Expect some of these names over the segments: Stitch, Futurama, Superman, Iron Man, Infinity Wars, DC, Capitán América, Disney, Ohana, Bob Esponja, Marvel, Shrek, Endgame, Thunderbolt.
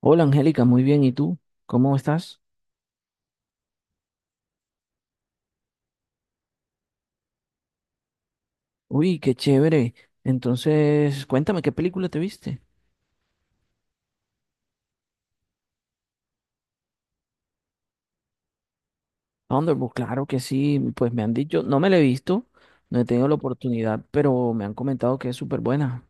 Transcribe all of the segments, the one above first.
Hola Angélica, muy bien. ¿Y tú? ¿Cómo estás? Uy, qué chévere. Entonces, cuéntame, ¿qué película te viste? Thunderbolt, claro que sí. Pues me han dicho, no me la he visto, no he tenido la oportunidad, pero me han comentado que es súper buena.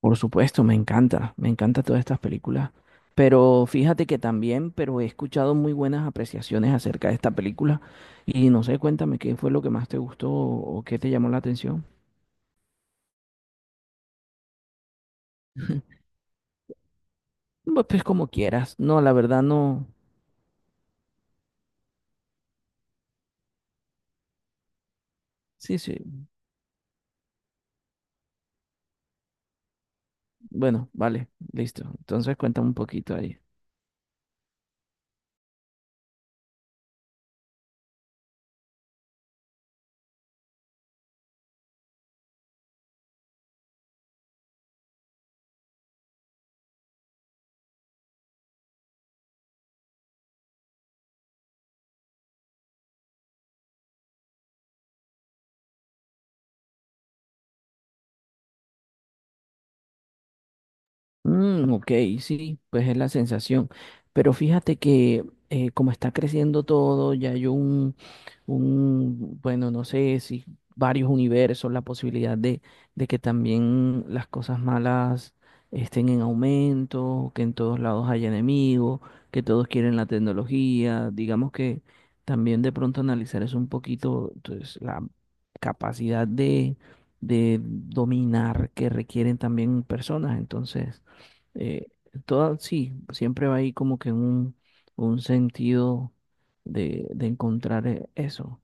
Por supuesto, me encanta, me encantan todas estas películas. Pero fíjate que también, pero he escuchado muy buenas apreciaciones acerca de esta película. Y no sé, cuéntame, ¿qué fue lo que más te gustó o qué te llamó la atención? Pues como quieras. No, la verdad no. Sí, sí. Bueno, vale, listo. Entonces cuéntame un poquito ahí. Mm, ok, sí, pues es la sensación. Pero fíjate que como está creciendo todo, ya hay bueno, no sé si varios universos, la posibilidad de que también las cosas malas estén en aumento, que en todos lados haya enemigos, que todos quieren la tecnología. Digamos que también de pronto analizar es un poquito pues, la capacidad de dominar que requieren también personas. Entonces... Eh, toda, sí, siempre va ahí como que un sentido de encontrar eso.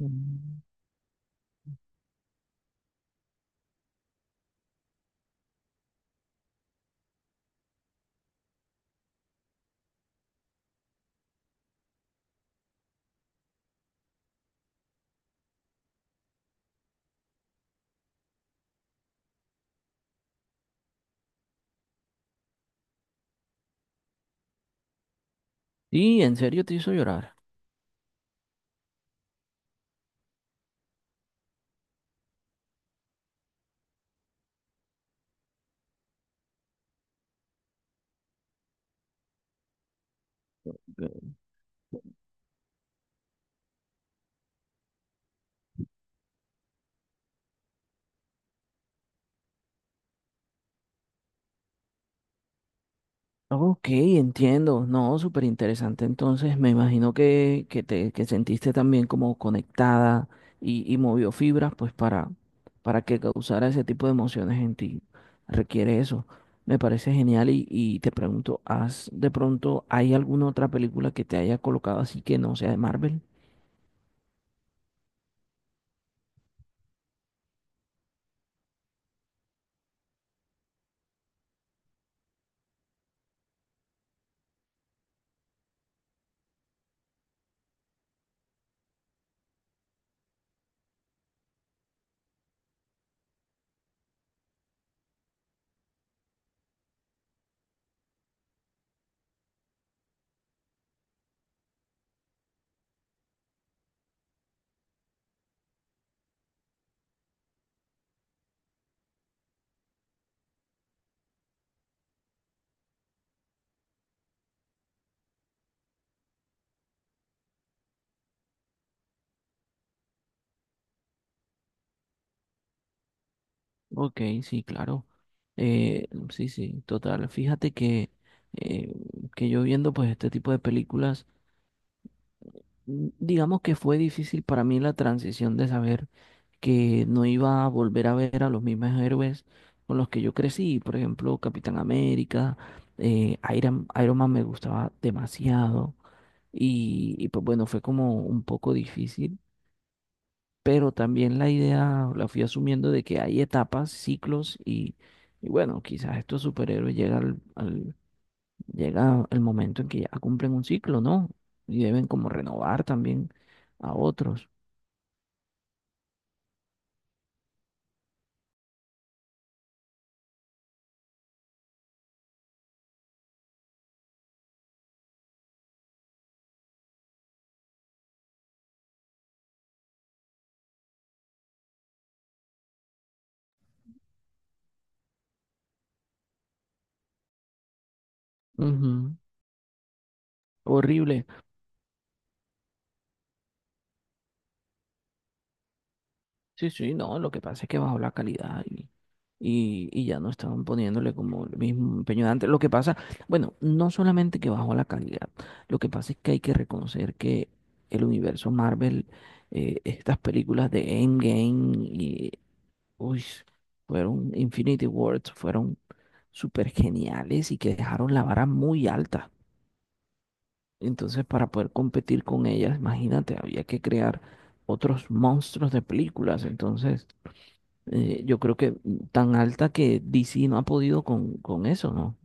Mm. Y en serio te hizo llorar. Ok, entiendo. No, súper interesante. Entonces, me imagino que te que sentiste también como conectada y movió fibras, pues para que causara ese tipo de emociones en ti. Requiere eso. Me parece genial y te pregunto, ¿has de pronto hay alguna otra película que te haya colocado así que no sea de Marvel? Ok, sí, claro. Sí, sí, total. Fíjate eh, que yo viendo pues este tipo de películas. Digamos que fue difícil para mí la transición de saber que no iba a volver a ver a los mismos héroes con los que yo crecí. Por ejemplo, Capitán América, Iron Man me gustaba demasiado y pues bueno, fue como un poco difícil, pero también la idea la fui asumiendo de que hay etapas, ciclos y bueno, quizás estos superhéroes llega el momento en que ya cumplen un ciclo, ¿no? Y deben como renovar también a otros. Ujú. Horrible. Sí, sí, no, lo que pasa es que bajó la calidad y ya no estaban poniéndole como el mismo empeño de antes. Lo que pasa, bueno, no solamente que bajó la calidad, lo que pasa es que hay que reconocer que el universo Marvel, estas películas de Endgame y, uy, fueron Infinity Wars, fueron súper geniales y que dejaron la vara muy alta. Entonces, para poder competir con ellas, imagínate, había que crear otros monstruos de películas. Entonces, yo creo que mm, tan alta que DC no ha podido con eso, ¿no?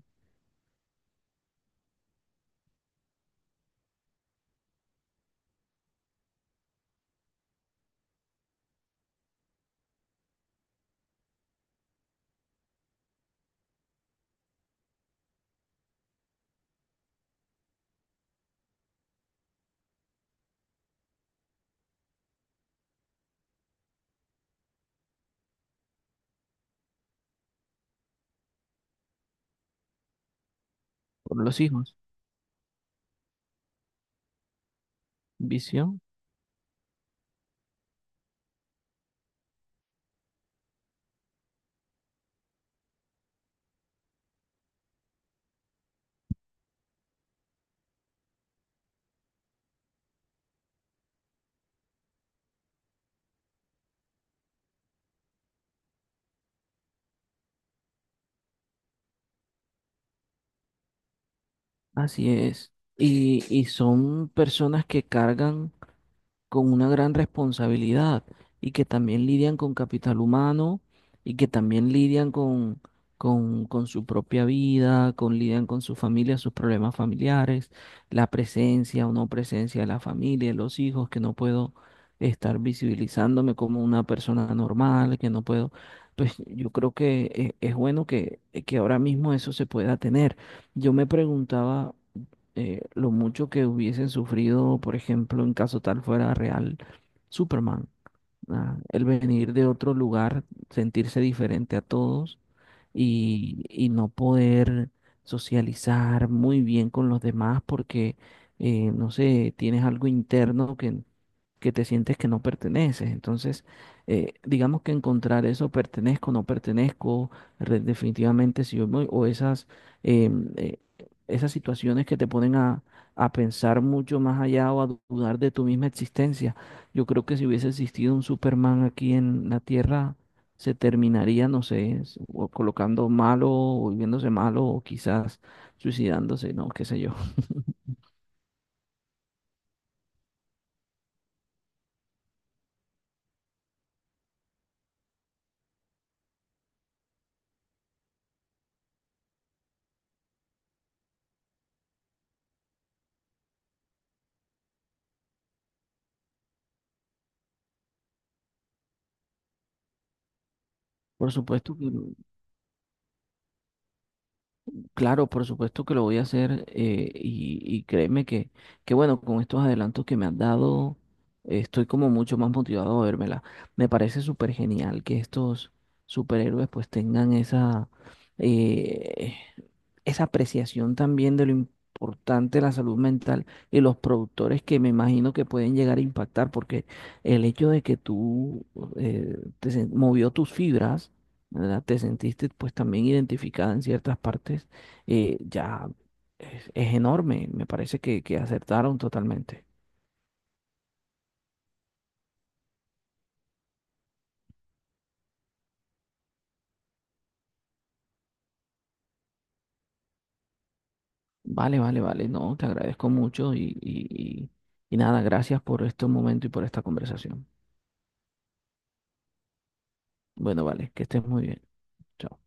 Por los hijos. Visión. Así es. Y son personas que cargan con una gran responsabilidad y que también lidian con capital humano y que también lidian con su propia vida, con lidian con su familia, sus problemas familiares, la presencia o no presencia de la familia, de los hijos, que no puedo estar visibilizándome como una persona normal, que no puedo. Pues yo creo que es bueno que ahora mismo eso se pueda tener. Yo me preguntaba lo mucho que hubiesen sufrido, por ejemplo, en caso tal fuera real, Superman. Ah, el venir de otro lugar, sentirse diferente a todos y no poder socializar muy bien con los demás porque, no sé, tienes algo interno que te sientes que no perteneces. Entonces, digamos que encontrar eso, pertenezco, no pertenezco, re- definitivamente si yo me- o esas, em, esas situaciones que te ponen a pensar mucho más allá o a dudar de tu misma existencia. Yo creo que si hubiese existido un Superman aquí en la Tierra, se terminaría, no sé, o colocando malo o volviéndose malo o quizás suicidándose, no, qué sé yo. Por supuesto que no. Claro, por supuesto que lo voy a hacer y créeme que, bueno, con estos adelantos que me han dado, estoy como mucho más motivado a vérmela. Me parece súper genial que estos superhéroes pues tengan esa, eh, esa apreciación también de lo importante la salud mental y los productores que me imagino que pueden llegar a impactar, porque el hecho de que tú movió tus fibras, ¿verdad? Te sentiste pues también identificada en ciertas partes ya es enorme. Me parece que acertaron totalmente. Vale, vale, vale. No, te agradezco mucho y y nada, gracias por este momento y por esta conversación. Bueno, vale, que estés muy bien. Chao.